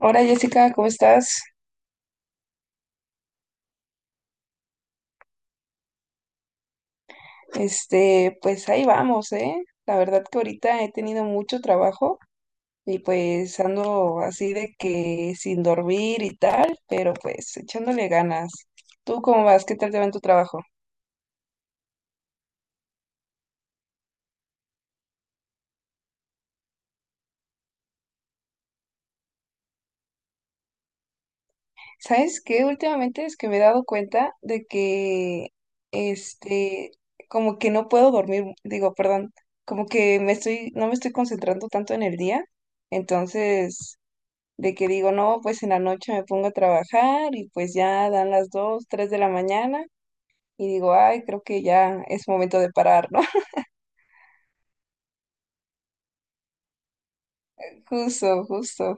Hola Jessica, ¿cómo estás? Pues ahí vamos, ¿eh? La verdad que ahorita he tenido mucho trabajo y pues ando así de que sin dormir y tal, pero pues echándole ganas. ¿Tú cómo vas? ¿Qué tal te va en tu trabajo? ¿Sabes qué? Últimamente es que me he dado cuenta de que, este, como que no puedo dormir, digo, perdón, como que me estoy, no me estoy concentrando tanto en el día, entonces de que digo, no, pues en la noche me pongo a trabajar y pues ya dan las 2 3 de la mañana y digo, ay, creo que ya es momento de parar, ¿no? Justo, justo.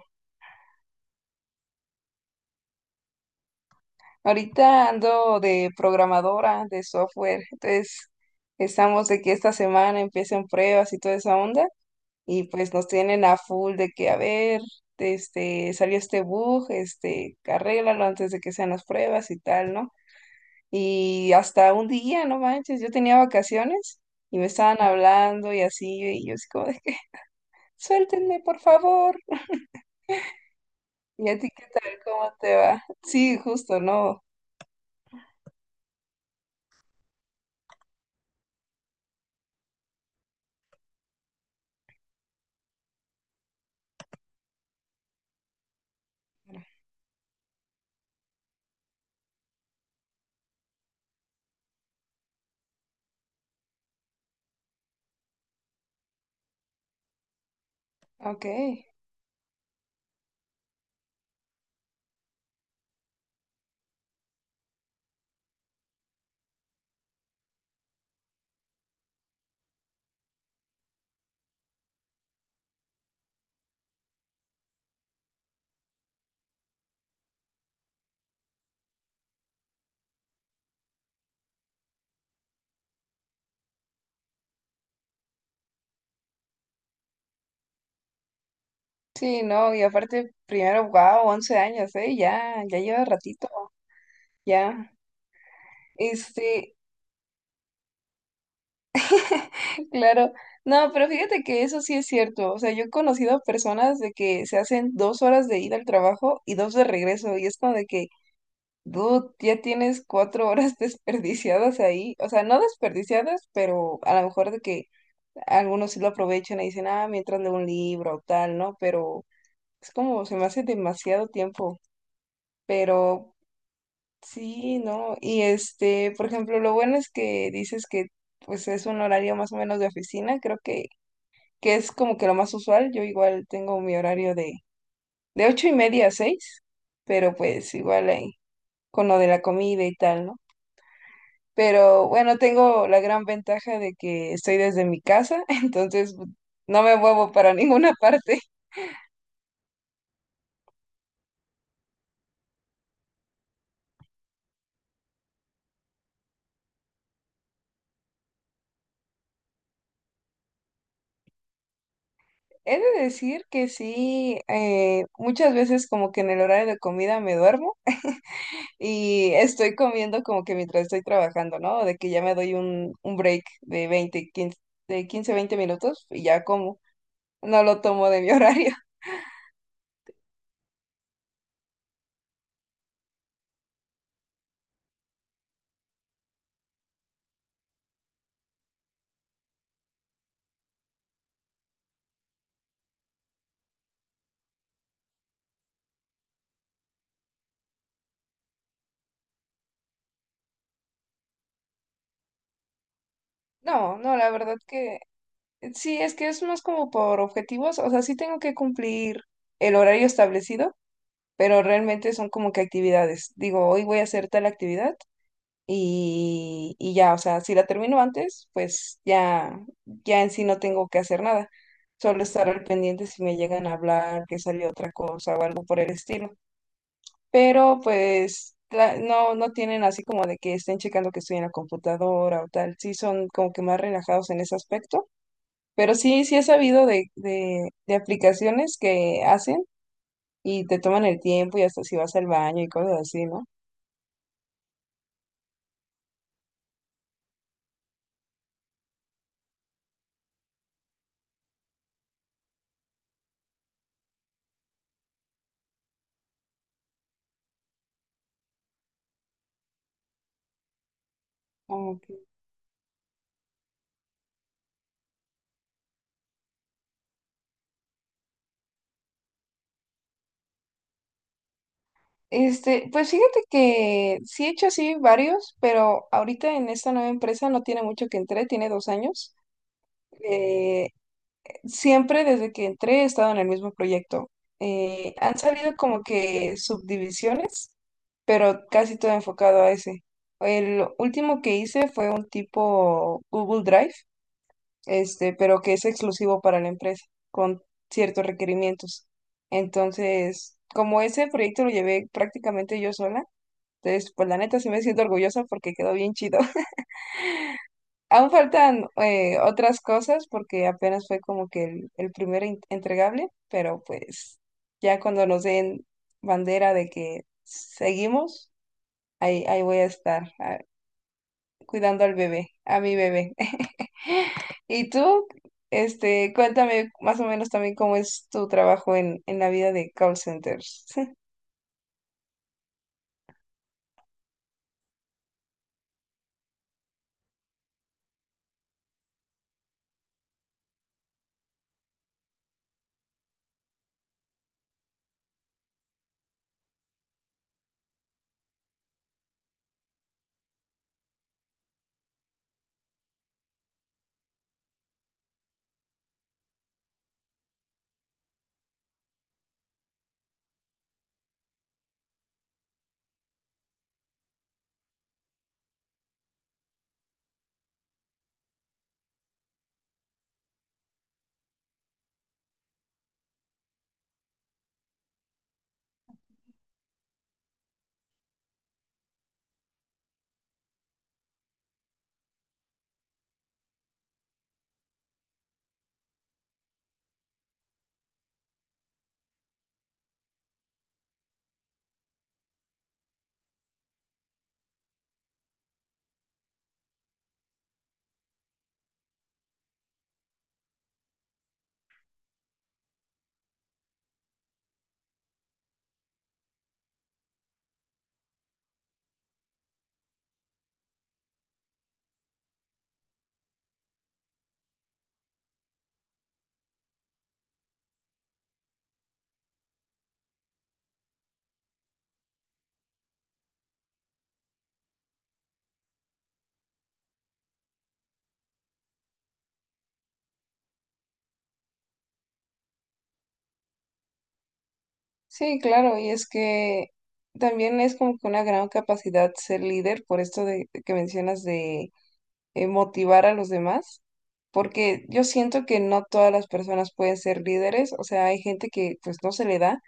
Ahorita ando de programadora de software, entonces estamos de que esta semana empiecen pruebas y toda esa onda y pues nos tienen a full de que, a ver, salió este bug, arréglalo antes de que sean las pruebas y tal, ¿no? Y hasta un día, no manches, yo tenía vacaciones y me estaban hablando y así, y yo así como de que, suéltenme, por favor. ¿Y a ti qué tal? ¿Cómo te va? Sí, justo, no. Ok. Sí, no, y aparte, primero, wow, 11 años, ¿eh? Ya, ya lleva ratito, ya. Este, claro. No, pero fíjate que eso sí es cierto. O sea, yo he conocido personas de que se hacen 2 horas de ida al trabajo y dos de regreso, y es como de que dude, ya tienes 4 horas desperdiciadas ahí. O sea, no desperdiciadas, pero a lo mejor de que algunos sí lo aprovechan y dicen, ah, mientras leo un libro o tal, ¿no? Pero es como, se me hace demasiado tiempo. Pero sí, ¿no? Y por ejemplo, lo bueno es que dices que pues es un horario más o menos de oficina. Creo que es como que lo más usual. Yo igual tengo mi horario de, ocho y media a seis, pero pues igual ahí, con lo de la comida y tal, ¿no? Pero bueno, tengo la gran ventaja de que estoy desde mi casa, entonces pues, no me muevo para ninguna parte. He de decir que sí, muchas veces como que en el horario de comida me duermo y estoy comiendo como que mientras estoy trabajando, ¿no? De que ya me doy un, break de 15 20 minutos y ya como. No lo tomo de mi horario. No, no, la verdad que sí, es que es más como por objetivos, o sea, sí tengo que cumplir el horario establecido pero realmente son como que actividades. Digo, hoy voy a hacer tal actividad y ya, o sea, si la termino antes, pues ya, ya en sí no tengo que hacer nada. Solo estar al pendiente si me llegan a hablar, que salió otra cosa o algo por el estilo. Pero pues no, no tienen así como de que estén checando que estoy en la computadora o tal. Sí son como que más relajados en ese aspecto. Pero sí, sí he sabido de, aplicaciones que hacen y te toman el tiempo y hasta si vas al baño y cosas así, ¿no? Ok. Pues fíjate que sí he hecho así varios, pero ahorita en esta nueva empresa no tiene mucho que entré, tiene 2 años. Eh, siempre desde que entré he estado en el mismo proyecto. Han salido como que subdivisiones, pero casi todo enfocado a ese. El último que hice fue un tipo Google Drive, pero que es exclusivo para la empresa, con ciertos requerimientos. Entonces, como ese proyecto lo llevé prácticamente yo sola, entonces, pues la neta sí me siento orgullosa porque quedó bien chido. Aún faltan otras cosas porque apenas fue como que el primer entregable, pero pues ya cuando nos den bandera de que seguimos, ahí, ahí voy a estar ah, cuidando al bebé, a mi bebé. Y tú, cuéntame más o menos también cómo es tu trabajo en, la vida de call centers. Sí, claro, y es que también es como que una gran capacidad ser líder por esto de que mencionas de motivar a los demás, porque yo siento que no todas las personas pueden ser líderes, o sea, hay gente que pues no se le da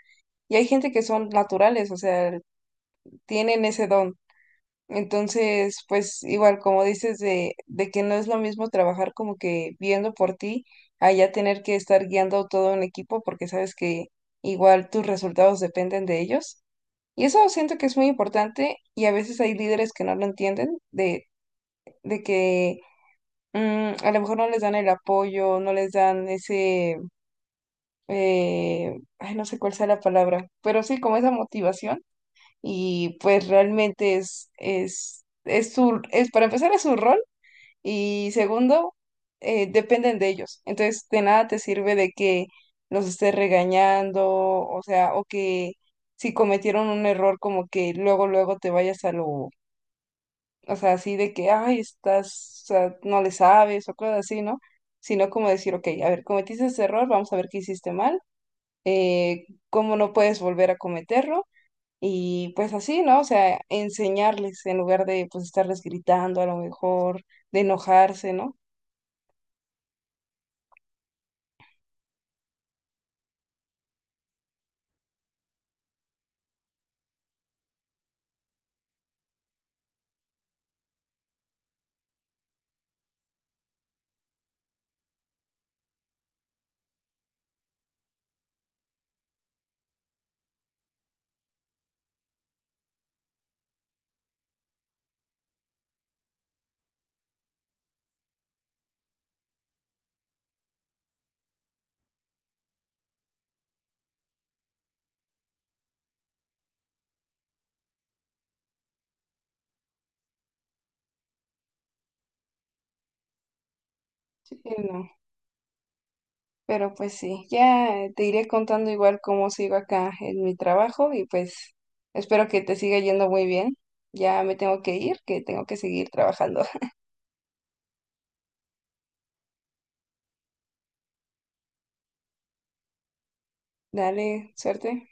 y hay gente que son naturales, o sea, tienen ese don. Entonces, pues igual como dices de, que no es lo mismo trabajar como que viendo por ti, a ya tener que estar guiando todo un equipo porque sabes que igual tus resultados dependen de ellos. Y eso siento que es muy importante y a veces hay líderes que no lo entienden, de, que a lo mejor no les dan el apoyo, no les dan ese, ay, no sé cuál sea la palabra, pero sí como esa motivación y pues realmente para empezar es su rol y segundo, dependen de ellos. Entonces, de nada te sirve de que los estés regañando, o sea, o que si cometieron un error, como que luego, luego te vayas a lo, o sea, así de que, ay, estás, o sea, no le sabes, o cosas así, ¿no? Sino como decir, ok, a ver, cometiste ese error, vamos a ver qué hiciste mal, cómo no puedes volver a cometerlo. Y pues así, ¿no? O sea, enseñarles en lugar de pues estarles gritando a lo mejor, de enojarse, ¿no? Sí, no. Pero pues sí, ya te iré contando igual cómo sigo acá en mi trabajo y pues espero que te siga yendo muy bien. Ya me tengo que ir, que tengo que seguir trabajando. Dale, suerte.